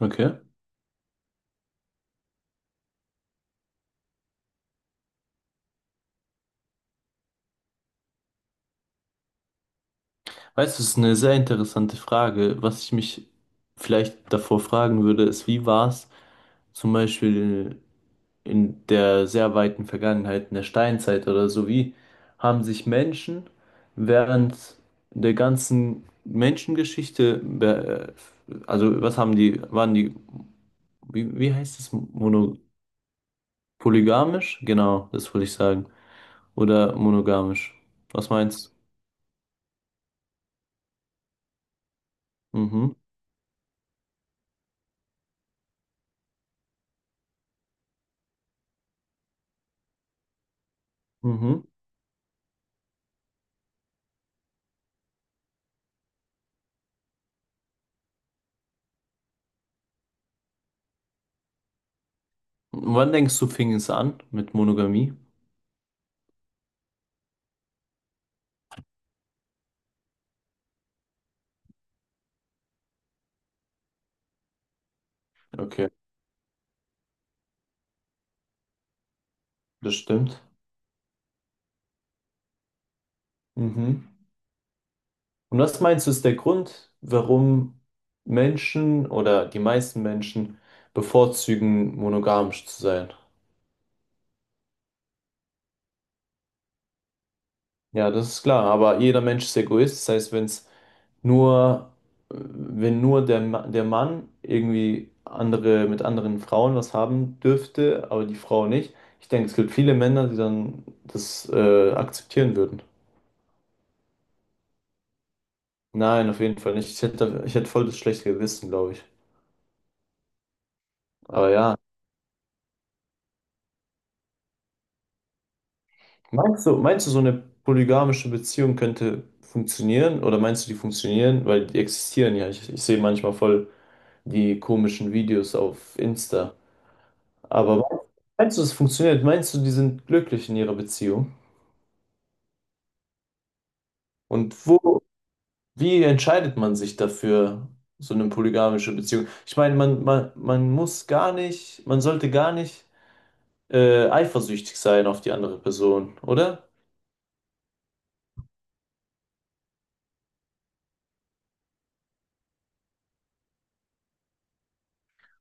Okay. Weißt du, es ist eine sehr interessante Frage. Was ich mich vielleicht davor fragen würde, ist: Wie war es zum Beispiel in der sehr weiten Vergangenheit, in der Steinzeit oder so? Wie haben sich Menschen während der ganzen Menschengeschichte, also was haben die, waren die, wie heißt es, mono, polygamisch? Genau, das wollte ich sagen. Oder monogamisch. Was meinst du? Mhm. Mhm. Wann denkst du, fing es an mit Monogamie? Okay, das stimmt. Mhm. Und was meinst du, ist der Grund, warum Menschen oder die meisten Menschen bevorzugen, monogamisch zu sein? Ja, das ist klar, aber jeder Mensch ist Egoist, das heißt, wenn es nur, wenn nur der, der Mann irgendwie andere, mit anderen Frauen was haben dürfte, aber die Frau nicht, ich denke, es gibt viele Männer, die dann das akzeptieren würden. Nein, auf jeden Fall nicht. Ich hätte voll das schlechte Gewissen, glaube ich. Ja. Aber ja. Meinst du, so eine polygamische Beziehung könnte funktionieren? Oder meinst du, die funktionieren? Weil die existieren ja. Ich sehe manchmal voll die komischen Videos auf Insta. Aber meinst du, es funktioniert? Meinst du, die sind glücklich in ihrer Beziehung? Und wo, wie entscheidet man sich dafür, so eine polygamische Beziehung? Ich meine, man muss gar nicht, man sollte gar nicht eifersüchtig sein auf die andere Person, oder?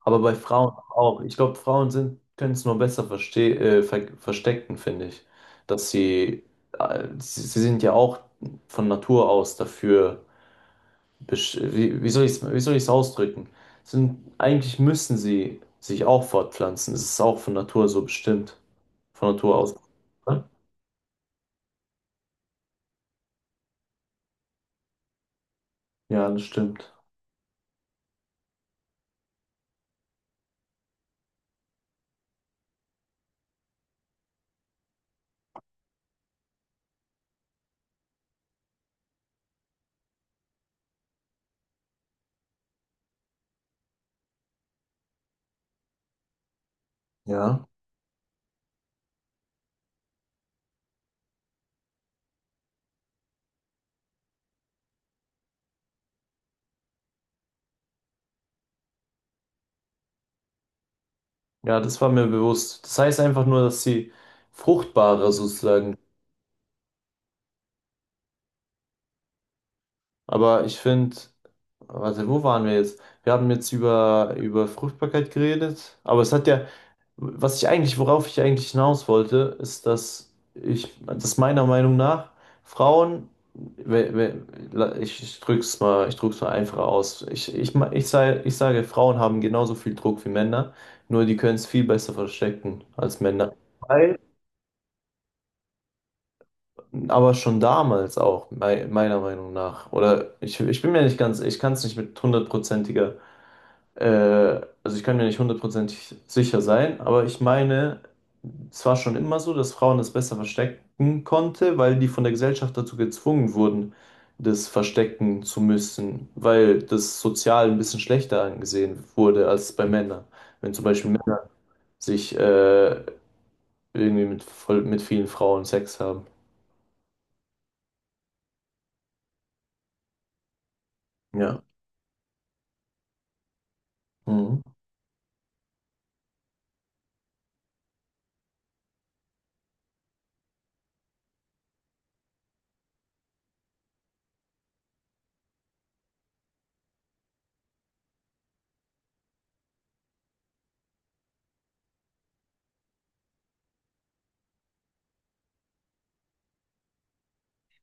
Aber bei Frauen auch. Ich glaube, Frauen sind, können es nur besser verstecken, finde ich. Dass sie, sie sind ja auch von Natur aus dafür, wie soll ich es, wie soll ich's ausdrücken? Sind, eigentlich müssen sie sich auch fortpflanzen. Es ist auch von Natur so bestimmt. Von Natur aus. Oder? Ja, das stimmt. Ja. Ja, das war mir bewusst. Das heißt einfach nur, dass sie fruchtbarer sozusagen. Aber ich finde. Warte, wo waren wir jetzt? Wir haben jetzt über, über Fruchtbarkeit geredet, aber es hat ja, was ich eigentlich, worauf ich eigentlich hinaus wollte, ist, dass ich, dass meiner Meinung nach Frauen, we- we- ich drück's mal einfach aus. Ich sage, Frauen haben genauso viel Druck wie Männer, nur die können es viel besser verstecken als Männer. Weil, aber schon damals auch, meiner Meinung nach, oder ich bin mir nicht ganz, ich kann es nicht mit hundertprozentiger also ich kann mir nicht hundertprozentig sicher sein, aber ich meine, es war schon immer so, dass Frauen es besser verstecken konnte, weil die von der Gesellschaft dazu gezwungen wurden, das verstecken zu müssen, weil das sozial ein bisschen schlechter angesehen wurde als bei Männern. Wenn zum Beispiel Männer sich irgendwie mit, voll, mit vielen Frauen Sex haben. Ja. Mhm.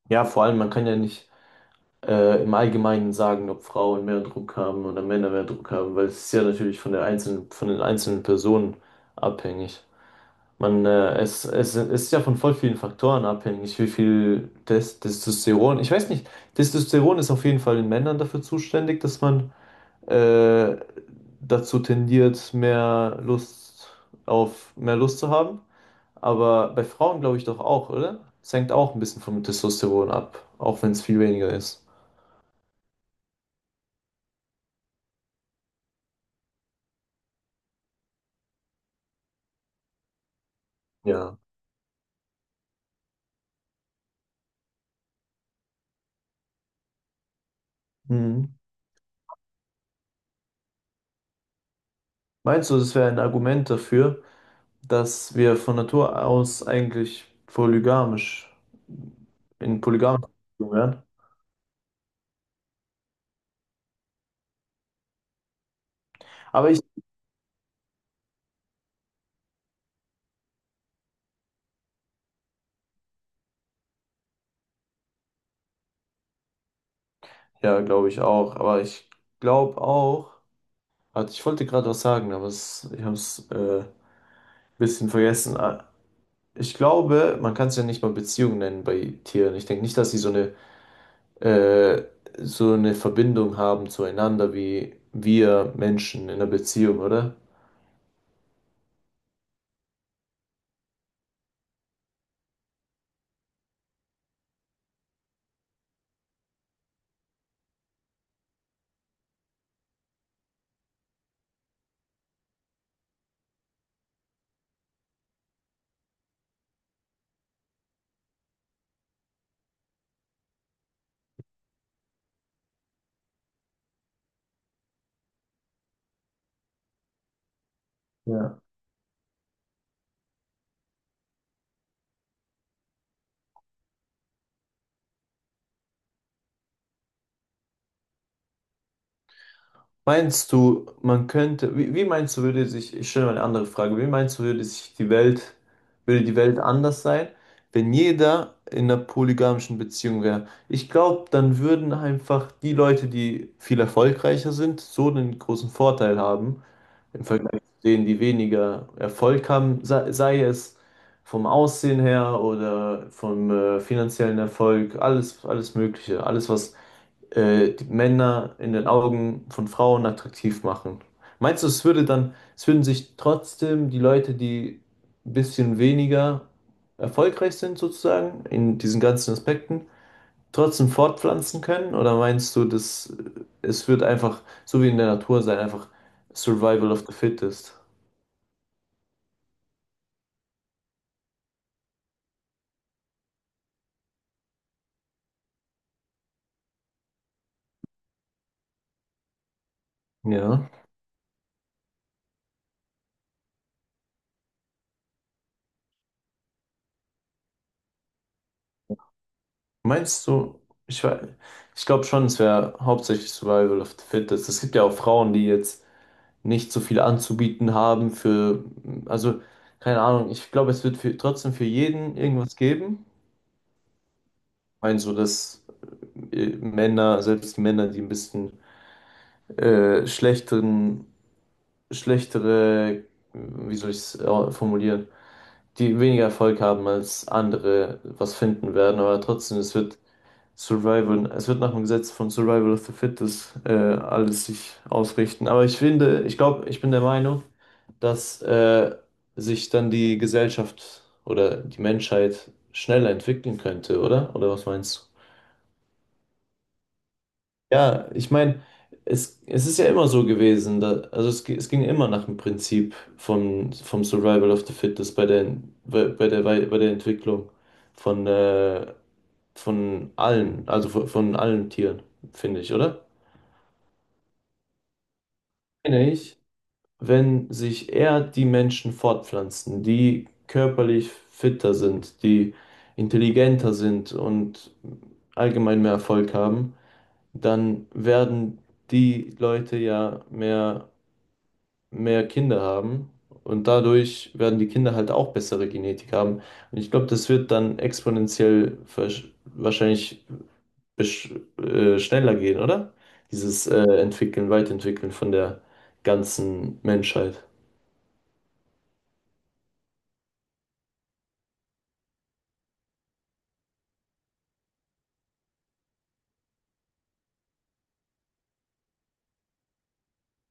Ja, vor allem, man kann ja nicht. Im Allgemeinen sagen, ob Frauen mehr Druck haben oder Männer mehr Druck haben, weil es ist ja natürlich von der einzelnen, von den einzelnen Personen abhängig. Man, es ist ja von voll vielen Faktoren abhängig, wie viel Testosteron, ich weiß nicht, Testosteron ist auf jeden Fall in Männern dafür zuständig, dass man äh, dazu tendiert, mehr Lust auf, mehr Lust zu haben. Aber bei Frauen glaube ich doch auch, oder? Es hängt auch ein bisschen vom Testosteron ab, auch wenn es viel weniger ist. Ja. Mhm. Meinst du, das wäre ein Argument dafür, dass wir von Natur aus eigentlich polygamisch in polygamisch wären? Aber ich, ja, glaube ich auch. Aber ich glaube auch, warte, ich wollte gerade was sagen, aber es, ich habe es ein bisschen vergessen. Ah, ich glaube, man kann es ja nicht mal Beziehung nennen bei Tieren. Ich denke nicht, dass sie äh, so eine Verbindung haben zueinander wie wir Menschen in einer Beziehung, oder? Ja. Meinst du, man könnte, wie meinst du, würde sich, ich stelle mal eine andere Frage, wie meinst du, würde sich die Welt, würde die Welt anders sein, wenn jeder in einer polygamischen Beziehung wäre? Ich glaube, dann würden einfach die Leute, die viel erfolgreicher sind, so einen großen Vorteil haben im Vergleich zu denen, die weniger Erfolg haben, sei es vom Aussehen her oder vom finanziellen Erfolg, alles, alles Mögliche, alles, was die Männer in den Augen von Frauen attraktiv machen. Meinst du, es würde dann, es würden sich trotzdem die Leute, die ein bisschen weniger erfolgreich sind sozusagen in diesen ganzen Aspekten, trotzdem fortpflanzen können? Oder meinst du, dass es wird einfach so wie in der Natur sein, einfach Survival of the Fittest? Ja. Meinst du, ich, wei- ich glaube schon, es wäre hauptsächlich Survival of the Fittest. Es gibt ja auch Frauen, die jetzt nicht so viel anzubieten haben für, also keine Ahnung, ich glaube, es wird für, trotzdem für jeden irgendwas geben. Ich meine, so dass Männer, selbst die Männer, die ein bisschen äh, schlechteren, schlechtere, wie soll ich es formulieren, die weniger Erfolg haben als andere, was finden werden, aber trotzdem, es wird Survival, es wird nach dem Gesetz von Survival of the Fittest alles sich ausrichten. Aber ich finde, ich glaube, ich bin der Meinung, dass sich dann die Gesellschaft oder die Menschheit schneller entwickeln könnte, oder? Oder was meinst du? Ja, ich meine, es ist ja immer so gewesen, da, also es ging immer nach dem Prinzip vom Survival of the Fittest bei der, bei der Entwicklung von, äh, von allen, also von allen Tieren, finde ich, oder? Meine ich, wenn sich eher die Menschen fortpflanzen, die körperlich fitter sind, die intelligenter sind und allgemein mehr Erfolg haben, dann werden die Leute ja mehr, mehr Kinder haben und dadurch werden die Kinder halt auch bessere Genetik haben. Und ich glaube, das wird dann exponentiell wahrscheinlich schneller gehen, oder? Dieses Entwickeln, Weiterentwickeln von der ganzen Menschheit.